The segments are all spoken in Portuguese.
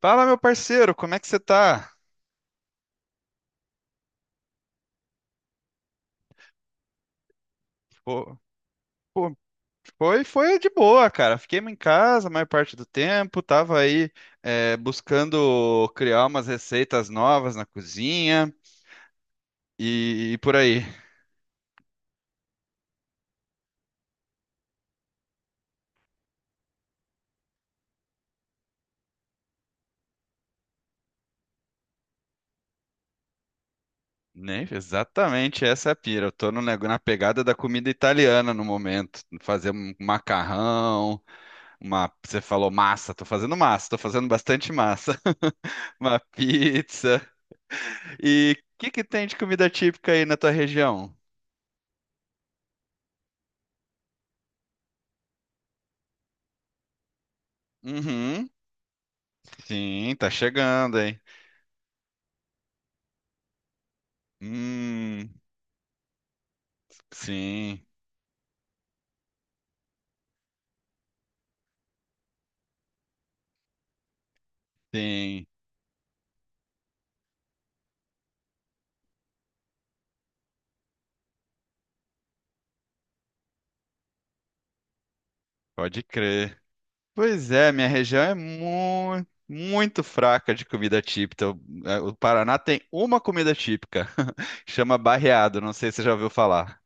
Fala, meu parceiro, como é que você tá? Pô, pô, foi de boa, cara. Fiquei em casa a maior parte do tempo, tava aí buscando criar umas receitas novas na cozinha e por aí. Nem exatamente essa é a pira. Eu tô no, nego- na pegada da comida italiana no momento. Fazer um macarrão, você falou massa, tô fazendo bastante massa. Uma pizza. E o que que tem de comida típica aí na tua região? Uhum. Sim, tá chegando, hein? Hum, sim, sim, pode crer. Pois é, minha região é muito, muito fraca de comida típica. O Paraná tem uma comida típica, chama barreado, não sei se você já ouviu falar.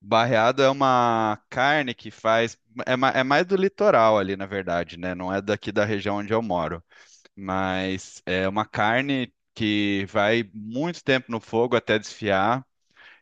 Barreado é uma carne que faz. É, é mais do litoral ali, na verdade, né? Não é daqui da região onde eu moro. Mas é uma carne que vai muito tempo no fogo até desfiar.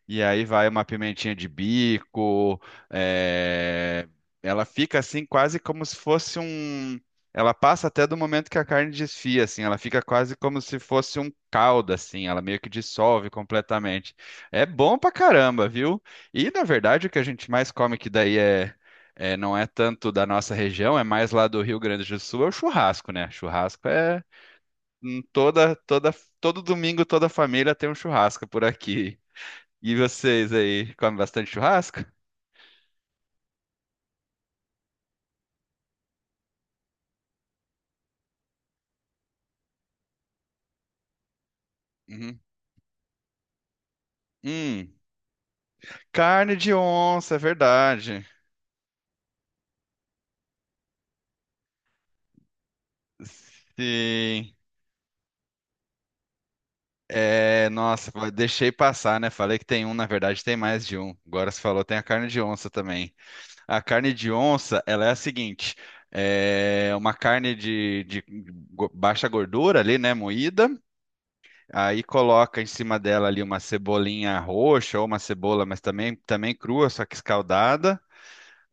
E aí vai uma pimentinha de bico. é, Ela fica assim, quase como se fosse um. Ela passa até do momento que a carne desfia, assim. Ela fica quase como se fosse um caldo, assim. Ela meio que dissolve completamente. É bom pra caramba, viu? E na verdade o que a gente mais come que daí é. Não é tanto da nossa região, é mais lá do Rio Grande do Sul, é o churrasco, né? Churrasco é hum, toda, toda, todo domingo, toda família tem um churrasco por aqui. E vocês aí, comem bastante churrasco? Uhum. Hum, carne de onça, é verdade. Sim. É, nossa, pô, deixei passar, né? Falei que tem um, na verdade tem mais de um. Agora você falou, tem a carne de onça também. A carne de onça, ela é a seguinte: é uma carne de baixa gordura ali, né? Moída. Aí coloca em cima dela ali uma cebolinha roxa ou uma cebola, mas também crua, só que escaldada.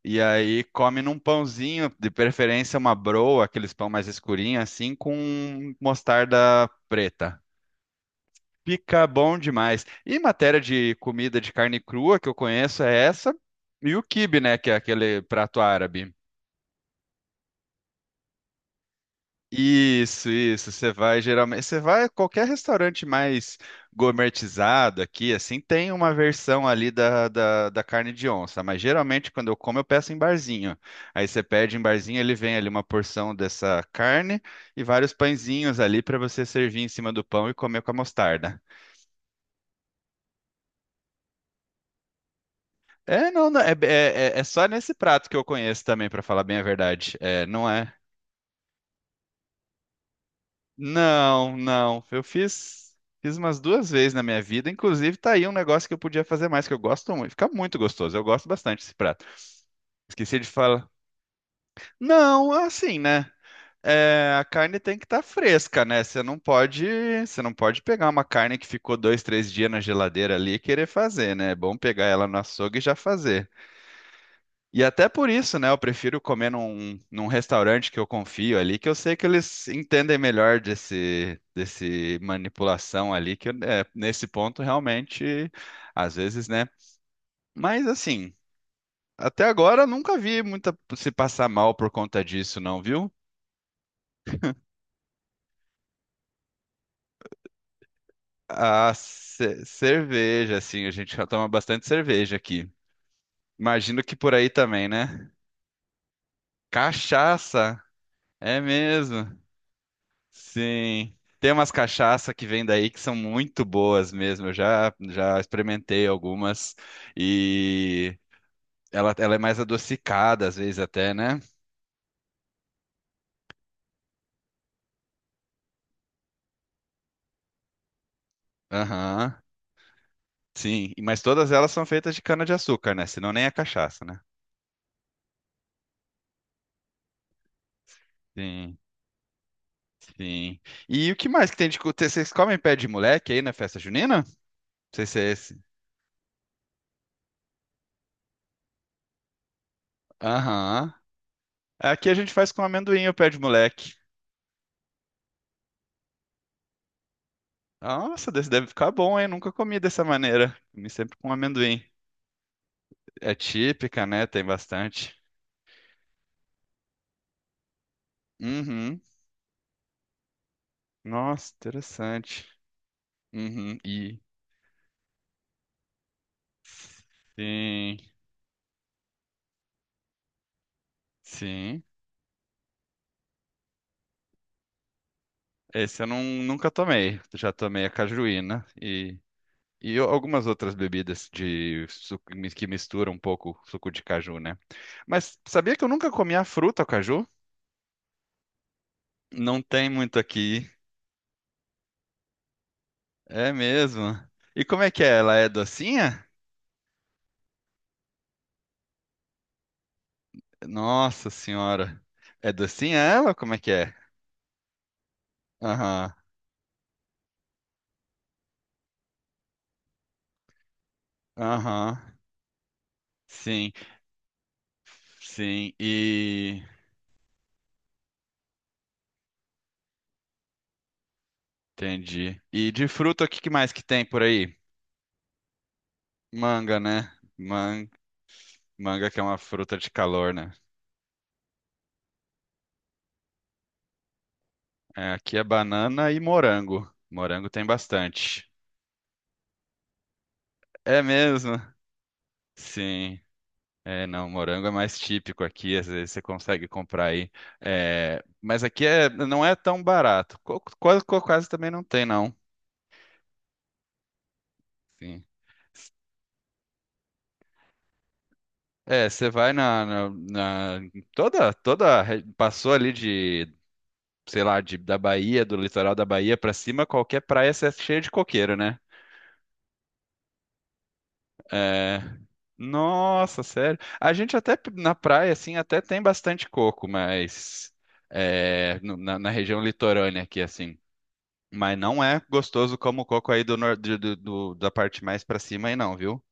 E aí come num pãozinho, de preferência uma broa, aqueles pão mais escurinho assim, com mostarda preta. Fica bom demais. E matéria de comida de carne crua que eu conheço é essa, e o quibe, né, que é aquele prato árabe. Isso, isso. Você vai geralmente, você vai a qualquer restaurante mais gourmetizado aqui, assim, tem uma versão ali da carne de onça, mas geralmente quando eu como eu peço em barzinho. Aí você pede em barzinho, ele vem ali uma porção dessa carne e vários pãezinhos ali para você servir em cima do pão e comer com a mostarda. É, não, não, é, é, é é só nesse prato que eu conheço também, para falar bem a verdade. É. Não, não. Fiz umas duas vezes na minha vida. Inclusive, tá aí um negócio que eu podia fazer mais, que eu gosto muito. Fica muito gostoso. Eu gosto bastante desse prato. Esqueci de falar. Não, assim, né? É, a carne tem que estar fresca, né? Você não pode pegar uma carne que ficou dois, três dias na geladeira ali e querer fazer, né? É bom pegar ela no açougue e já fazer. E até por isso, né? Eu prefiro comer num restaurante que eu confio ali, que eu sei que eles entendem melhor desse manipulação ali, que é, nesse ponto realmente, às vezes, né? Mas assim, até agora eu nunca vi muita se passar mal por conta disso, não, viu? A cerveja, assim, a gente já toma bastante cerveja aqui. Imagino que por aí também, né? Cachaça, é mesmo. Sim. Tem umas cachaça que vem daí que são muito boas mesmo. Já experimentei algumas e ela é mais adocicada às vezes até, né? Aham. Sim, mas todas elas são feitas de cana-de-açúcar, né? Senão nem é cachaça, né? Sim, sim. E o que mais que tem de... Vocês comem pé de moleque aí na festa junina? Não sei se é esse. Aham. Aqui a gente faz com amendoim o pé de moleque. Nossa, desse deve ficar bom, hein? Nunca comi dessa maneira. Comi sempre com amendoim. É típica, né? Tem bastante. Uhum. Nossa, interessante. Uhum. E sim, sim. Esse eu não, nunca tomei. Já tomei a cajuína e algumas outras bebidas de suco que misturam um pouco suco de caju, né? Mas sabia que eu nunca comi a fruta, o caju? Não tem muito aqui. É mesmo. E como é que é? Ela é docinha? Nossa senhora. É docinha ela? Como é que é? Aham. Aham. Sim, sim, e entendi. E de fruta, o que que mais que tem por aí? Manga, né? Man... Manga que é uma fruta de calor, né? É, aqui é banana e morango. Morango tem bastante. É mesmo? Sim. É, não, morango é mais típico aqui, às vezes você consegue comprar aí. É, mas aqui é, não é tão barato. Quase, quase também não tem, não. Sim. É, você vai em toda passou ali de, sei lá, de, da Bahia, do litoral da Bahia pra cima, qualquer praia cê é cheia de coqueiro, né? É, nossa, sério. A gente até na praia assim até tem bastante coco, mas é, na região litorânea aqui assim, mas não é gostoso como o coco aí do, nor- do, do- do- da parte mais pra cima aí não, viu?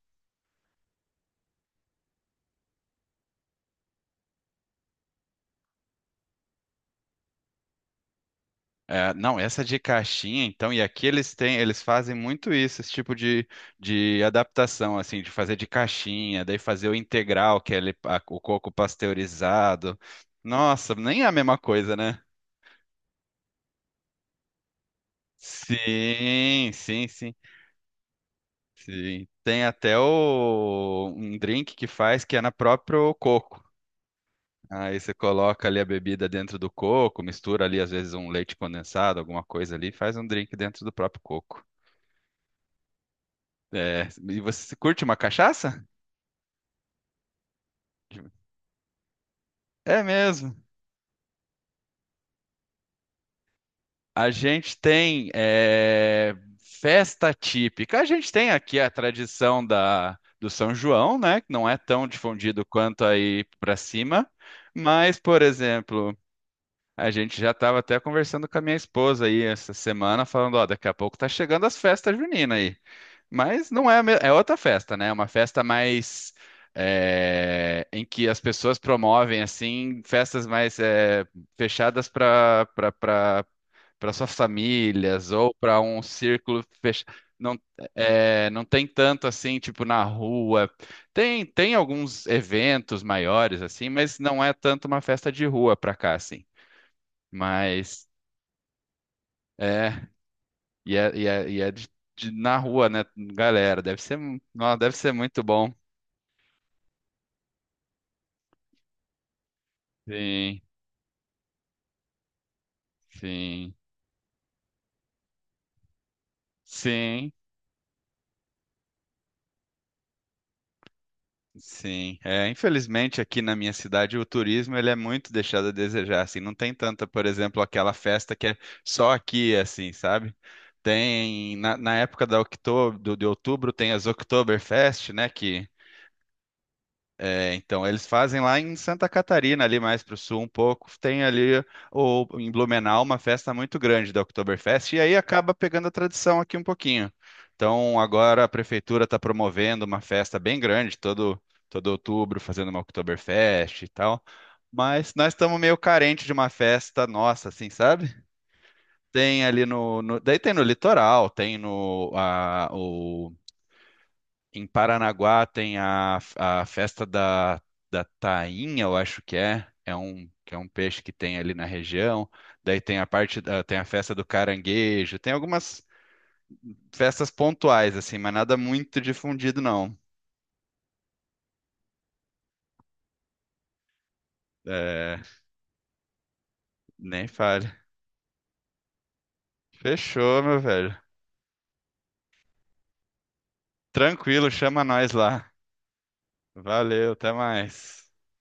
É, não, essa de caixinha, então, e aqui eles têm, eles fazem muito isso, esse tipo de adaptação, assim, de fazer de caixinha, daí fazer o integral, que é o coco pasteurizado. Nossa, nem é a mesma coisa, né? Sim, sim, sim, sim. Tem até um drink que faz que é na próprio coco. Aí você coloca ali a bebida dentro do coco, mistura ali às vezes um leite condensado, alguma coisa ali, e faz um drink dentro do próprio coco. É, e você curte uma cachaça? É mesmo. A gente tem é, festa típica. A gente tem aqui a tradição do São João, né? Que não é tão difundido quanto aí para cima. Mas, por exemplo, a gente já estava até conversando com a minha esposa aí essa semana, falando, ó, daqui a pouco tá chegando as festas juninas aí. Mas não é, é outra festa, né? É uma festa mais é, em que as pessoas promovem assim festas mais é, fechadas para suas famílias ou para um círculo fechado. Não, é, não tem tanto assim, tipo na rua. Tem alguns eventos maiores assim, mas não é tanto uma festa de rua para cá assim. Mas é é de, na rua, né, galera? Deve ser, nossa, deve ser muito bom. Sim, sim, sim, sim. É, infelizmente aqui na minha cidade o turismo ele é muito deixado a desejar, assim, não tem tanta, por exemplo, aquela festa que é só aqui, assim, sabe? Tem, na época de outubro tem as Oktoberfest, né, que é, então, eles fazem lá em Santa Catarina, ali mais para o sul um pouco. Tem ali em Blumenau uma festa muito grande da Oktoberfest, e aí acaba pegando a tradição aqui um pouquinho. Então, agora a prefeitura está promovendo uma festa bem grande, todo outubro, fazendo uma Oktoberfest e tal. Mas nós estamos meio carente de uma festa nossa, assim, sabe? Tem ali daí tem no litoral, tem no, em Paranaguá tem a festa da tainha, eu acho que é. É um, que é um peixe que tem ali na região. Daí tem a parte da, tem a festa do caranguejo. Tem algumas festas pontuais, assim, mas nada muito difundido, não. É, nem fale. Fechou, meu velho. Tranquilo, chama nós lá. Valeu, até mais.